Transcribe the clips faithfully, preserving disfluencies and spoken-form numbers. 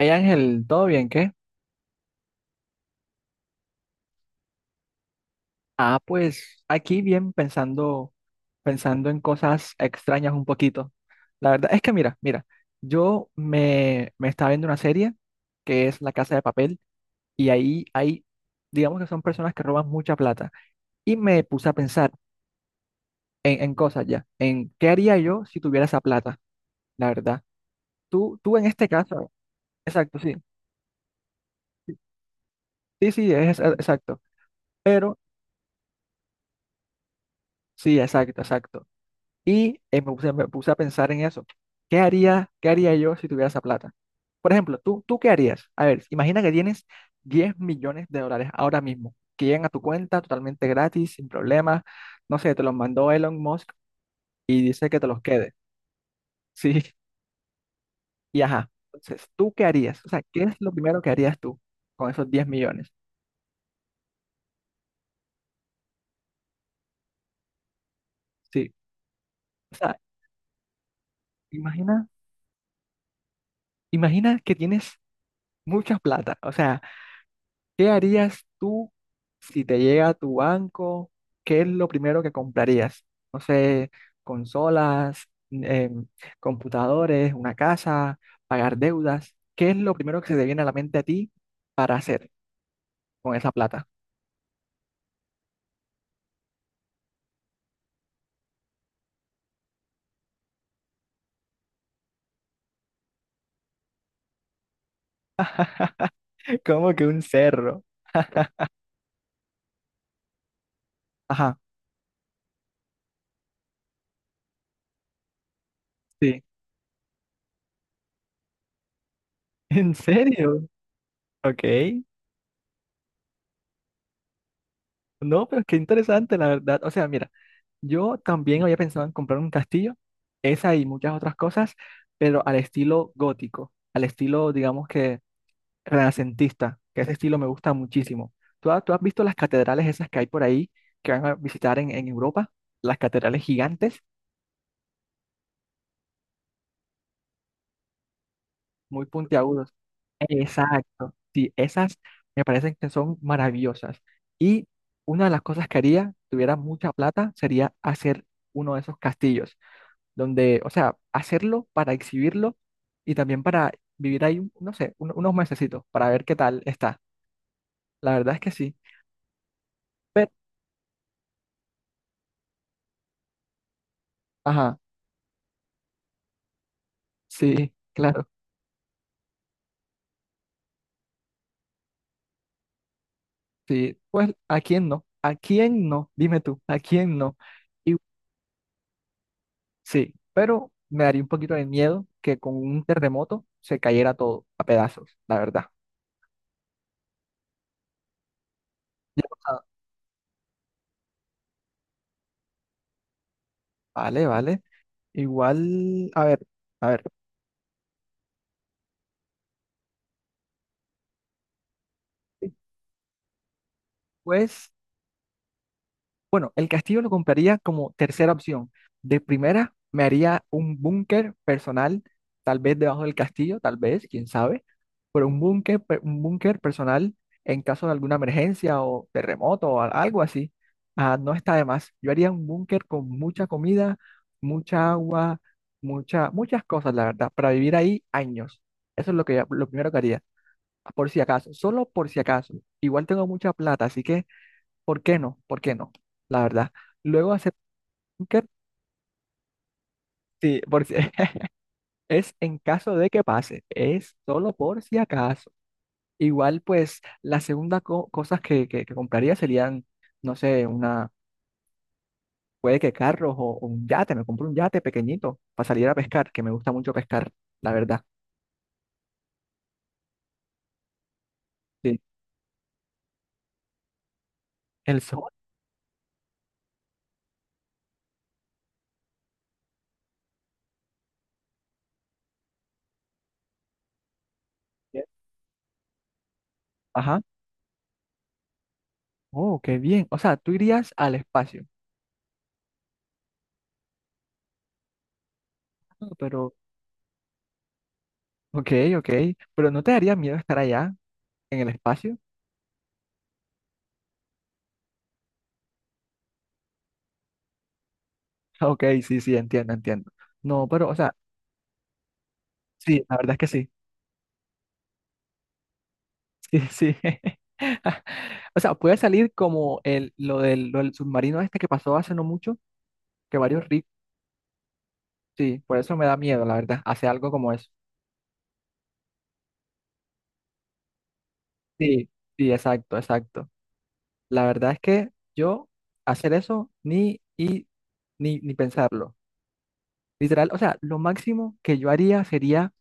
Hey Ángel, ¿todo bien? ¿Qué? Ah, pues aquí bien pensando, pensando en cosas extrañas un poquito. La verdad es que mira, mira, yo me, me estaba viendo una serie que es La Casa de Papel y ahí hay, digamos que son personas que roban mucha plata y me puse a pensar en, en cosas ya, en qué haría yo si tuviera esa plata, la verdad. Tú, tú en este caso, exacto, sí, sí, sí, es es- exacto, pero sí, exacto, exacto. Y eh, me puse, me puse a pensar en eso. ¿Qué haría, qué haría yo si tuviera esa plata? Por ejemplo, ¿tú, tú qué harías? A ver, imagina que tienes diez millones de dólares ahora mismo, que llegan a tu cuenta totalmente gratis, sin problemas. No sé, te los mandó Elon Musk y dice que te los quede. Sí, y ajá. Entonces, ¿tú qué harías? O sea, ¿qué es lo primero que harías tú con esos diez millones? Sí. O sea, imagina, imagina que tienes mucha plata. O sea, ¿qué harías tú si te llega a tu banco? ¿Qué es lo primero que comprarías? No sé, consolas, em, computadores, una casa, pagar deudas. ¿Qué es lo primero que se te viene a la mente a ti para hacer con esa plata? Como que un cerro. Ajá, sí. ¿En serio? Ok. No, pero es que interesante, la verdad. O sea, mira, yo también había pensado en comprar un castillo, esa y muchas otras cosas, pero al estilo gótico, al estilo, digamos que renacentista, que ese estilo me gusta muchísimo. ¿Tú, ha- tú has visto las catedrales esas que hay por ahí que van a visitar en, en Europa? Las catedrales gigantes, muy puntiagudos. Exacto. Sí, esas me parecen que son maravillosas. Y una de las cosas que haría, tuviera mucha plata, sería hacer uno de esos castillos, donde, o sea, hacerlo para exhibirlo y también para vivir ahí, no sé, un- unos mesecitos para ver qué tal está. La verdad es que sí. Pero, ajá, sí, claro. Sí, pues ¿a quién no? ¿A quién no? Dime tú, ¿a quién no? Y sí, pero me daría un poquito de miedo que con un terremoto se cayera todo a pedazos, la verdad. Ya, o sea, vale, vale. Igual, a ver, a ver. Pues bueno, el castillo lo compraría como tercera opción. De primera, me haría un búnker personal, tal vez debajo del castillo, tal vez, quién sabe, pero un búnker, pe- un búnker personal en caso de alguna emergencia o terremoto o a- algo así. Ah, no está de más. Yo haría un búnker con mucha comida, mucha agua, mucha, muchas cosas, la verdad, para vivir ahí años. Eso es lo que, lo primero que haría, por si acaso, solo por si acaso. Igual tengo mucha plata, así que ¿por qué no? ¿Por qué no? La verdad. Luego hacer búnker, sí, por si- es en caso de que pase, es solo por si acaso. Igual, pues, la segunda co- cosas que, que, que compraría serían, no sé, una, puede que carros o, o un yate, me compro un yate pequeñito para salir a pescar, que me gusta mucho pescar, la verdad. Sí. El sol. ¿Sí? Ajá. Oh, qué bien. O sea, tú irías al espacio. Ah, pero, ok, ok. Pero ¿no te daría miedo estar allá en el espacio? Ok, sí, sí, entiendo, entiendo. No, pero, o sea, sí, la verdad es que sí, sí, sí. O sea, puede salir como el, lo del, lo del submarino este que pasó hace no mucho, que varios ricos, sí, por eso me da miedo, la verdad, hacer algo como eso. Sí, sí, exacto, exacto. La verdad es que yo hacer eso ni, y, ni, ni pensarlo. Literal, o sea, lo máximo que yo haría sería,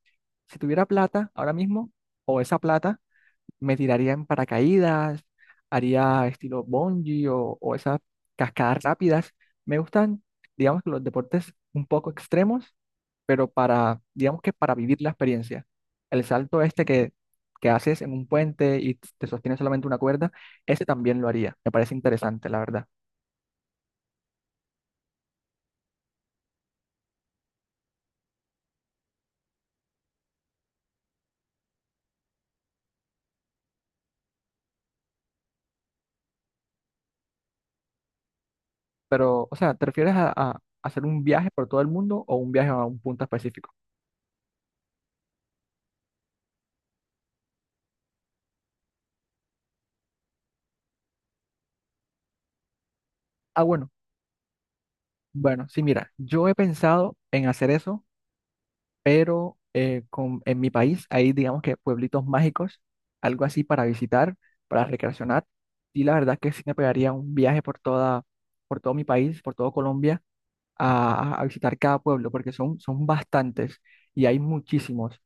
si tuviera plata ahora mismo, o esa plata, me tiraría en paracaídas, haría estilo bungee o, o esas cascadas rápidas. Me gustan, digamos que los deportes un poco extremos, pero para, digamos que para vivir la experiencia. El salto este que, que haces en un puente y te sostiene solamente una cuerda, ese también lo haría. Me parece interesante, la verdad. Pero, o sea, ¿te refieres a, a hacer un viaje por todo el mundo o un viaje a un punto específico? Ah, bueno, bueno, sí, mira, yo he pensado en hacer eso pero eh, con- en mi país hay, digamos que pueblitos mágicos, algo así para visitar, para recreacionar. Y la verdad que sí me pegaría un viaje por toda, por todo mi país, por todo Colombia, a, a visitar cada pueblo, porque son, son bastantes y hay muchísimos.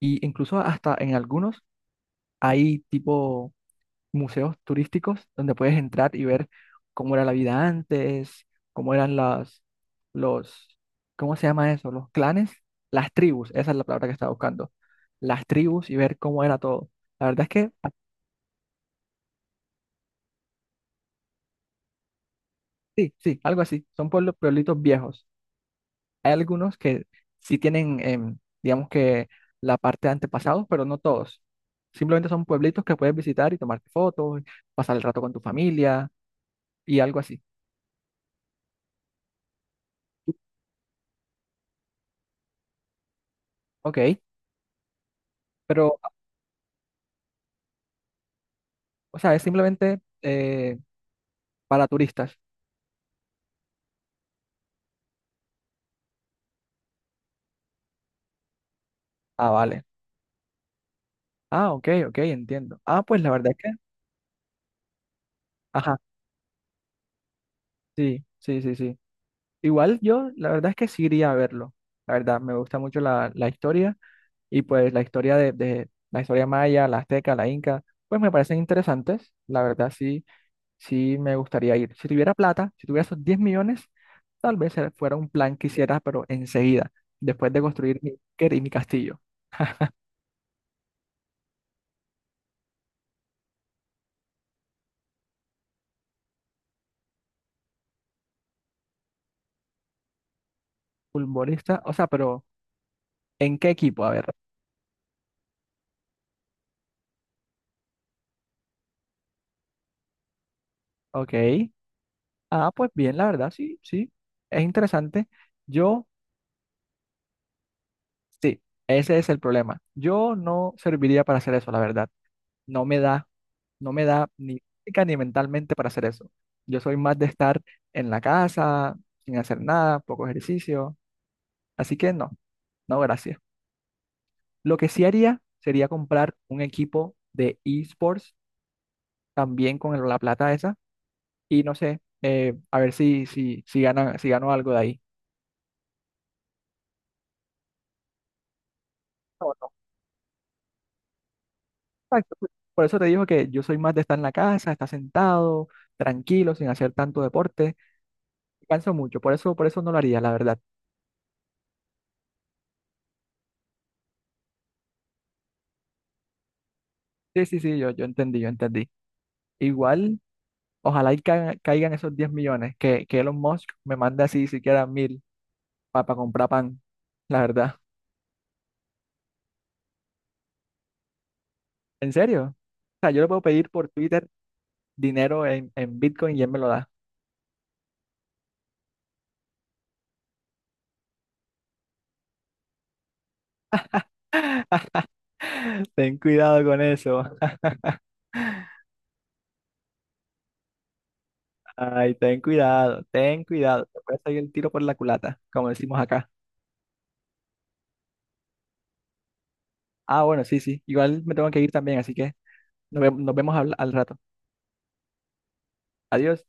Y incluso hasta en algunos hay tipo museos turísticos donde puedes entrar y ver cómo era la vida antes, cómo eran las, los, ¿cómo se llama eso? Los clanes, las tribus, esa es la palabra que estaba buscando, las tribus y ver cómo era todo. La verdad es que ah, sí, sí, algo así, son pueblos, pueblitos viejos. Hay algunos que sí tienen, em, digamos que la parte de antepasados, pero no todos. Simplemente son pueblitos que puedes visitar y tomarte fotos, pasar el rato con tu familia y algo así. Ok, pero o sea, es simplemente eh, para turistas. Ah, vale. Ah, ok, ok, entiendo. Ah, pues la verdad es que, ajá, sí, sí, sí, sí. Igual yo, la verdad es que sí iría a verlo. La verdad, me gusta mucho la, la historia y pues la historia de, de la historia maya, la azteca, la inca, pues me parecen interesantes. La verdad, sí, sí me gustaría ir. Si tuviera plata, si tuviera esos diez millones, tal vez eh, fuera un plan que hiciera, pero enseguida, después de construir mi, quer- mi castillo. Futbolista, o sea, pero ¿en qué equipo? A ver. Ok. Ah, pues bien, la verdad, sí, sí. Es interesante. Yo, sí, ese es el problema. Yo no serviría para hacer eso, la verdad. No me da, no me da ni física ni mentalmente para hacer eso. Yo soy más de estar en la casa, sin hacer nada, poco ejercicio. Así que no, no, gracias. Lo que sí haría sería comprar un equipo de esports también con el- la plata esa y no sé, eh, a ver si, si, si gana, si gano algo de ahí. Exacto. Pues, por eso te digo que yo soy más de estar en la casa, estar sentado, tranquilo, sin hacer tanto deporte. Canso mucho, por eso, por eso no lo haría, la verdad. Sí, sí, sí, yo, yo entendí, yo entendí. Igual, ojalá y ca- caigan esos diez millones, que, que Elon Musk me mande así siquiera mil para comprar pan, la verdad. ¿En serio? O sea, yo le puedo pedir por Twitter dinero en, en Bitcoin y él me lo da. Ten cuidado con eso. Ay, ten cuidado, ten cuidado. Te puede salir el tiro por la culata, como decimos acá. Ah, bueno, sí, sí. Igual me tengo que ir también, así que nos, ve- nos vemos al al rato. Adiós.